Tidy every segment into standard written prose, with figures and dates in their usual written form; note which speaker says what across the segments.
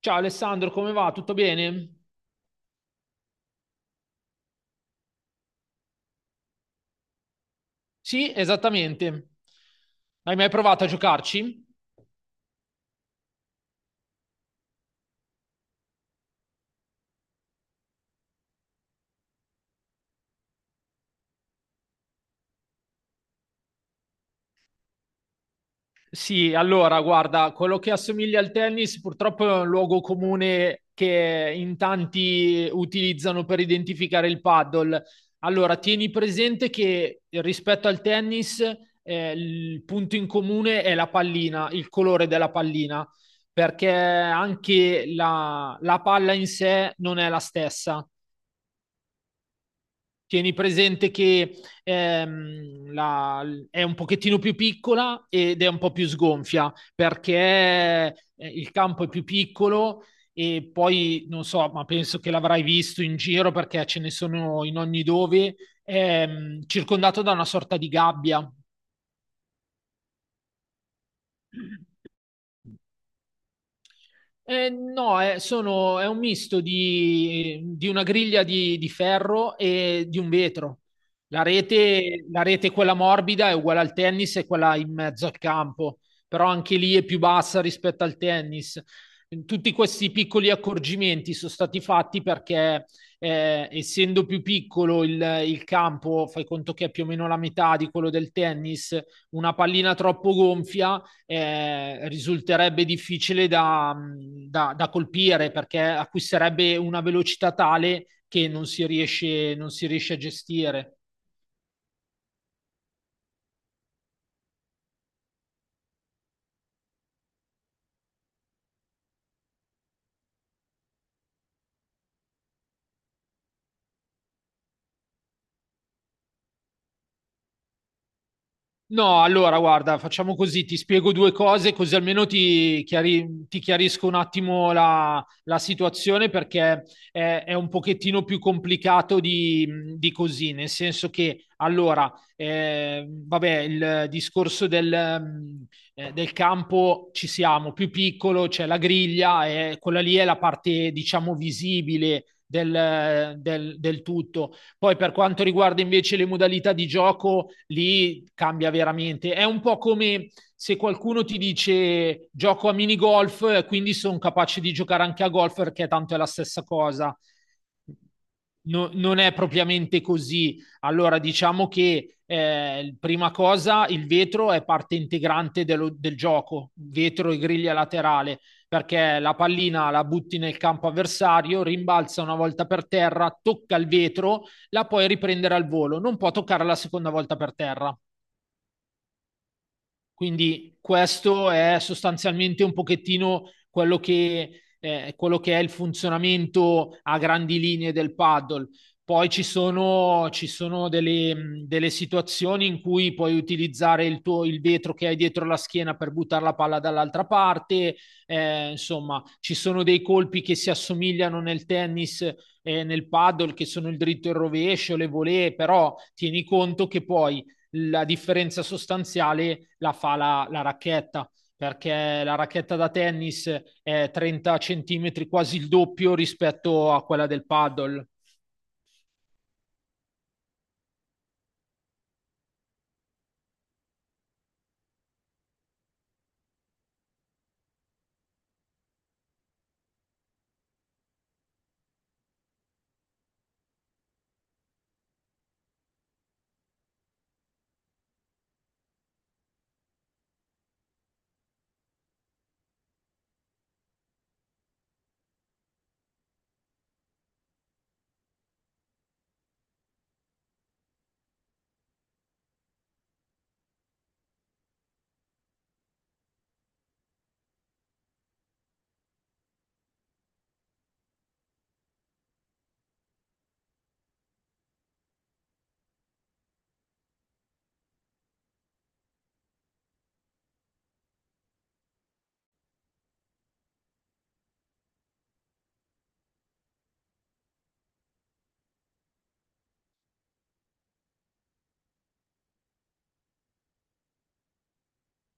Speaker 1: Ciao Alessandro, come va? Tutto bene? Sì, esattamente. Hai mai provato a giocarci? Sì, allora, guarda, quello che assomiglia al tennis purtroppo è un luogo comune che in tanti utilizzano per identificare il paddle. Allora, tieni presente che rispetto al tennis, il punto in comune è la pallina, il colore della pallina, perché anche la palla in sé non è la stessa. Tieni presente che è un pochettino più piccola ed è un po' più sgonfia perché il campo è più piccolo e poi non so, ma penso che l'avrai visto in giro perché ce ne sono in ogni dove, circondato da una sorta di gabbia. No, è un misto di una griglia di ferro e di un vetro. La rete, quella morbida, è uguale al tennis e quella in mezzo al campo, però anche lì è più bassa rispetto al tennis. Tutti questi piccoli accorgimenti sono stati fatti perché, essendo più piccolo il campo, fai conto che è più o meno la metà di quello del tennis, una pallina troppo gonfia risulterebbe difficile da, da, da, colpire perché acquisterebbe una velocità tale che non si riesce a gestire. No, allora guarda, facciamo così, ti spiego due cose così almeno ti chiarisco un attimo la, la situazione perché è un pochettino più complicato di così, nel senso che allora, vabbè, il discorso del campo ci siamo, più piccolo, c'è la griglia, quella lì è la parte diciamo visibile del tutto. Poi per quanto riguarda invece le modalità di gioco, lì cambia veramente. È un po' come se qualcuno ti dice gioco a minigolf, quindi sono capace di giocare anche a golf perché tanto è la stessa cosa. Non è propriamente così. Allora, diciamo che prima cosa il vetro è parte integrante del gioco, vetro e griglia laterale, perché la pallina la butti nel campo avversario, rimbalza una volta per terra, tocca il vetro, la puoi riprendere al volo, non può toccare la seconda volta per terra. Quindi questo è sostanzialmente un pochettino quello che è il funzionamento a grandi linee del paddle. Poi ci sono delle, delle situazioni in cui puoi utilizzare il vetro che hai dietro la schiena per buttare la palla dall'altra parte, insomma, ci sono dei colpi che si assomigliano nel tennis e nel paddle, che sono il dritto e il rovescio, le volée, però tieni conto che poi la differenza sostanziale la fa la racchetta, perché la racchetta da tennis è 30 centimetri, quasi il doppio rispetto a quella del paddle.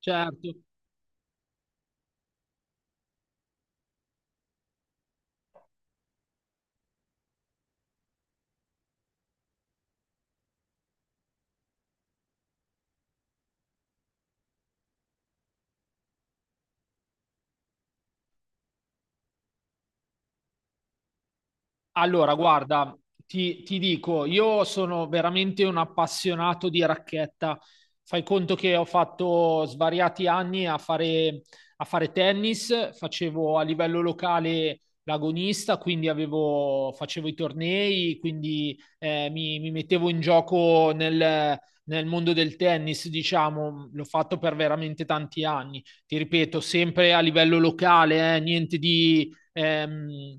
Speaker 1: Certo. Allora, guarda, ti dico, io sono veramente un appassionato di racchetta. Fai conto che ho fatto svariati anni a fare tennis, facevo a livello locale l'agonista, quindi facevo i tornei, quindi mi mettevo in gioco nel mondo del tennis, diciamo, l'ho fatto per veramente tanti anni. Ti ripeto, sempre a livello locale, niente di...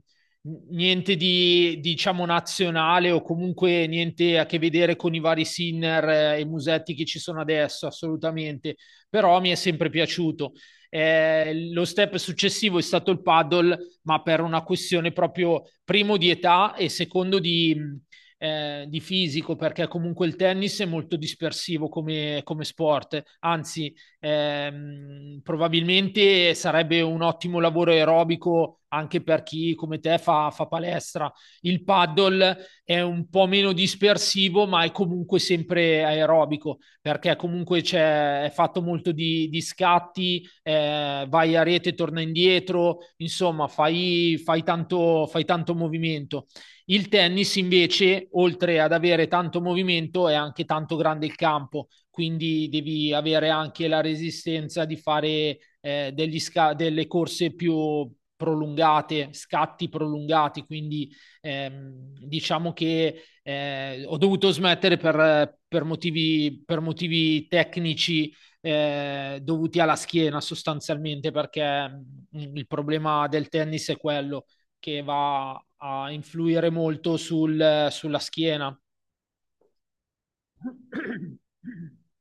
Speaker 1: niente di diciamo nazionale o comunque niente a che vedere con i vari Sinner e Musetti che ci sono adesso, assolutamente, però mi è sempre piaciuto. Lo step successivo è stato il paddle, ma per una questione proprio primo di età e secondo di fisico, perché comunque il tennis è molto dispersivo come, come sport, anzi probabilmente sarebbe un ottimo lavoro aerobico anche per chi come te fa, fa, palestra. Il paddle è un po' meno dispersivo, ma è comunque sempre aerobico, perché comunque è fatto molto di scatti, vai a rete, torna indietro, insomma, fai, fai tanto movimento. Il tennis invece, oltre ad avere tanto movimento, è anche tanto grande il campo, quindi devi avere anche la resistenza di fare delle corse più prolungate, scatti prolungati, quindi diciamo che ho dovuto smettere per motivi tecnici, dovuti alla schiena sostanzialmente, perché il problema del tennis è quello che va a influire molto sulla schiena.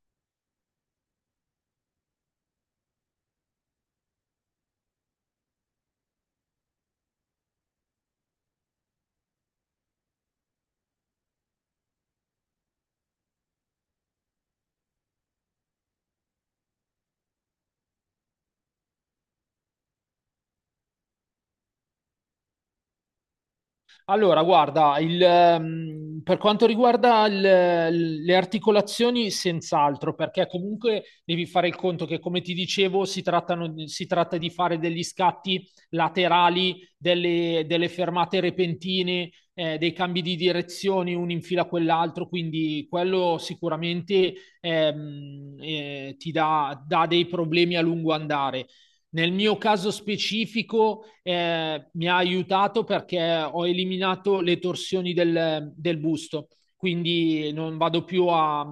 Speaker 1: Allora, guarda, per quanto riguarda le articolazioni, senz'altro, perché comunque devi fare il conto che, come ti dicevo, si tratta di fare degli scatti laterali, delle, delle fermate repentine, dei cambi di direzioni, uno in fila a quell'altro, quindi quello sicuramente ti dà dei problemi a lungo andare. Nel mio caso specifico mi ha aiutato perché ho eliminato le torsioni del busto, quindi non vado più a,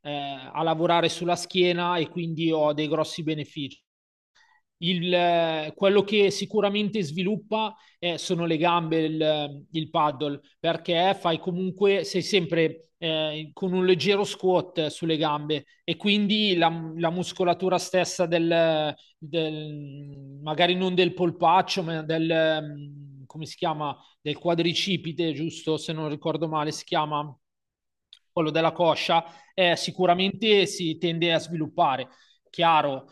Speaker 1: eh, a lavorare sulla schiena e quindi ho dei grossi benefici. Quello che sicuramente sviluppa sono le gambe, il paddle, perché fai comunque, sei sempre con un leggero squat sulle gambe e quindi la muscolatura stessa magari non del polpaccio, ma come si chiama, del quadricipite, giusto? Se non ricordo male, si chiama quello della coscia, sicuramente si tende a sviluppare. Chiaro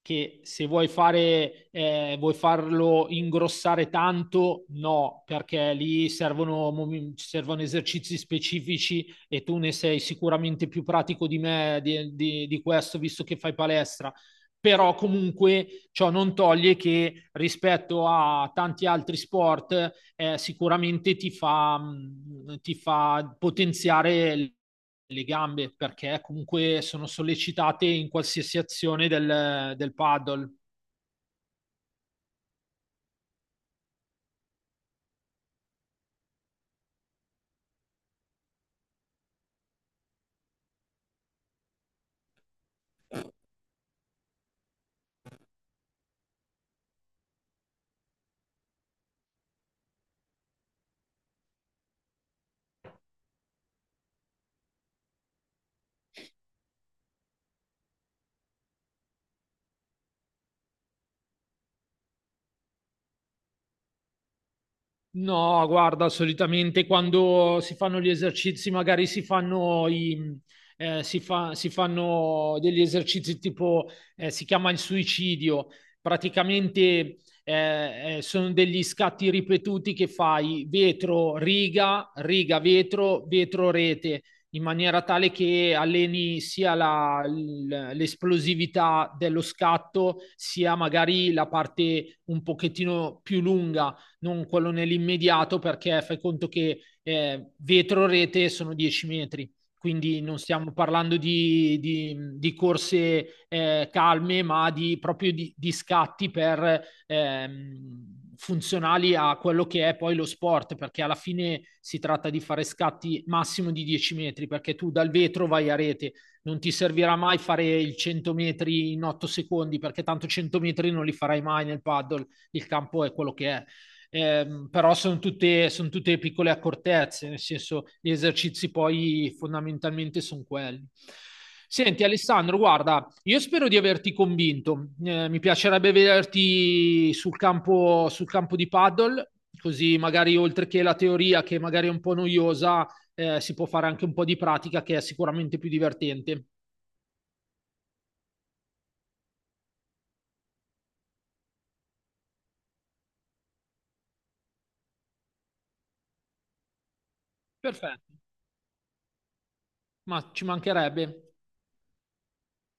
Speaker 1: che se vuoi, fare, vuoi farlo ingrossare tanto, no, perché lì servono, servono esercizi specifici e tu ne sei sicuramente più pratico di me di, di questo, visto che fai palestra. Però comunque ciò non toglie che rispetto a tanti altri sport sicuramente ti fa, ti fa potenziare le gambe perché comunque sono sollecitate in qualsiasi azione del paddle. No, guarda, solitamente quando si fanno gli esercizi, magari si fanno degli esercizi tipo, si chiama il suicidio, praticamente sono degli scatti ripetuti che fai vetro, riga, riga, vetro, vetro, rete, in maniera tale che alleni sia l'esplosività dello scatto, sia magari la parte un pochettino più lunga, non quello nell'immediato, perché fai conto che vetro rete sono 10 metri. Quindi non stiamo parlando di corse calme, ma di, proprio di scatti per, funzionali a quello che è poi lo sport, perché alla fine si tratta di fare scatti massimo di 10 metri, perché tu dal vetro vai a rete, non ti servirà mai fare il 100 metri in 8 secondi, perché tanto 100 metri non li farai mai nel paddle, il campo è quello che è. Però sono tutte piccole accortezze, nel senso gli esercizi poi fondamentalmente sono quelli. Senti Alessandro, guarda, io spero di averti convinto. Mi piacerebbe vederti sul campo di paddle, così magari oltre che la teoria che magari è un po' noiosa, si può fare anche un po' di pratica che è sicuramente più divertente. Perfetto, ma ci mancherebbe.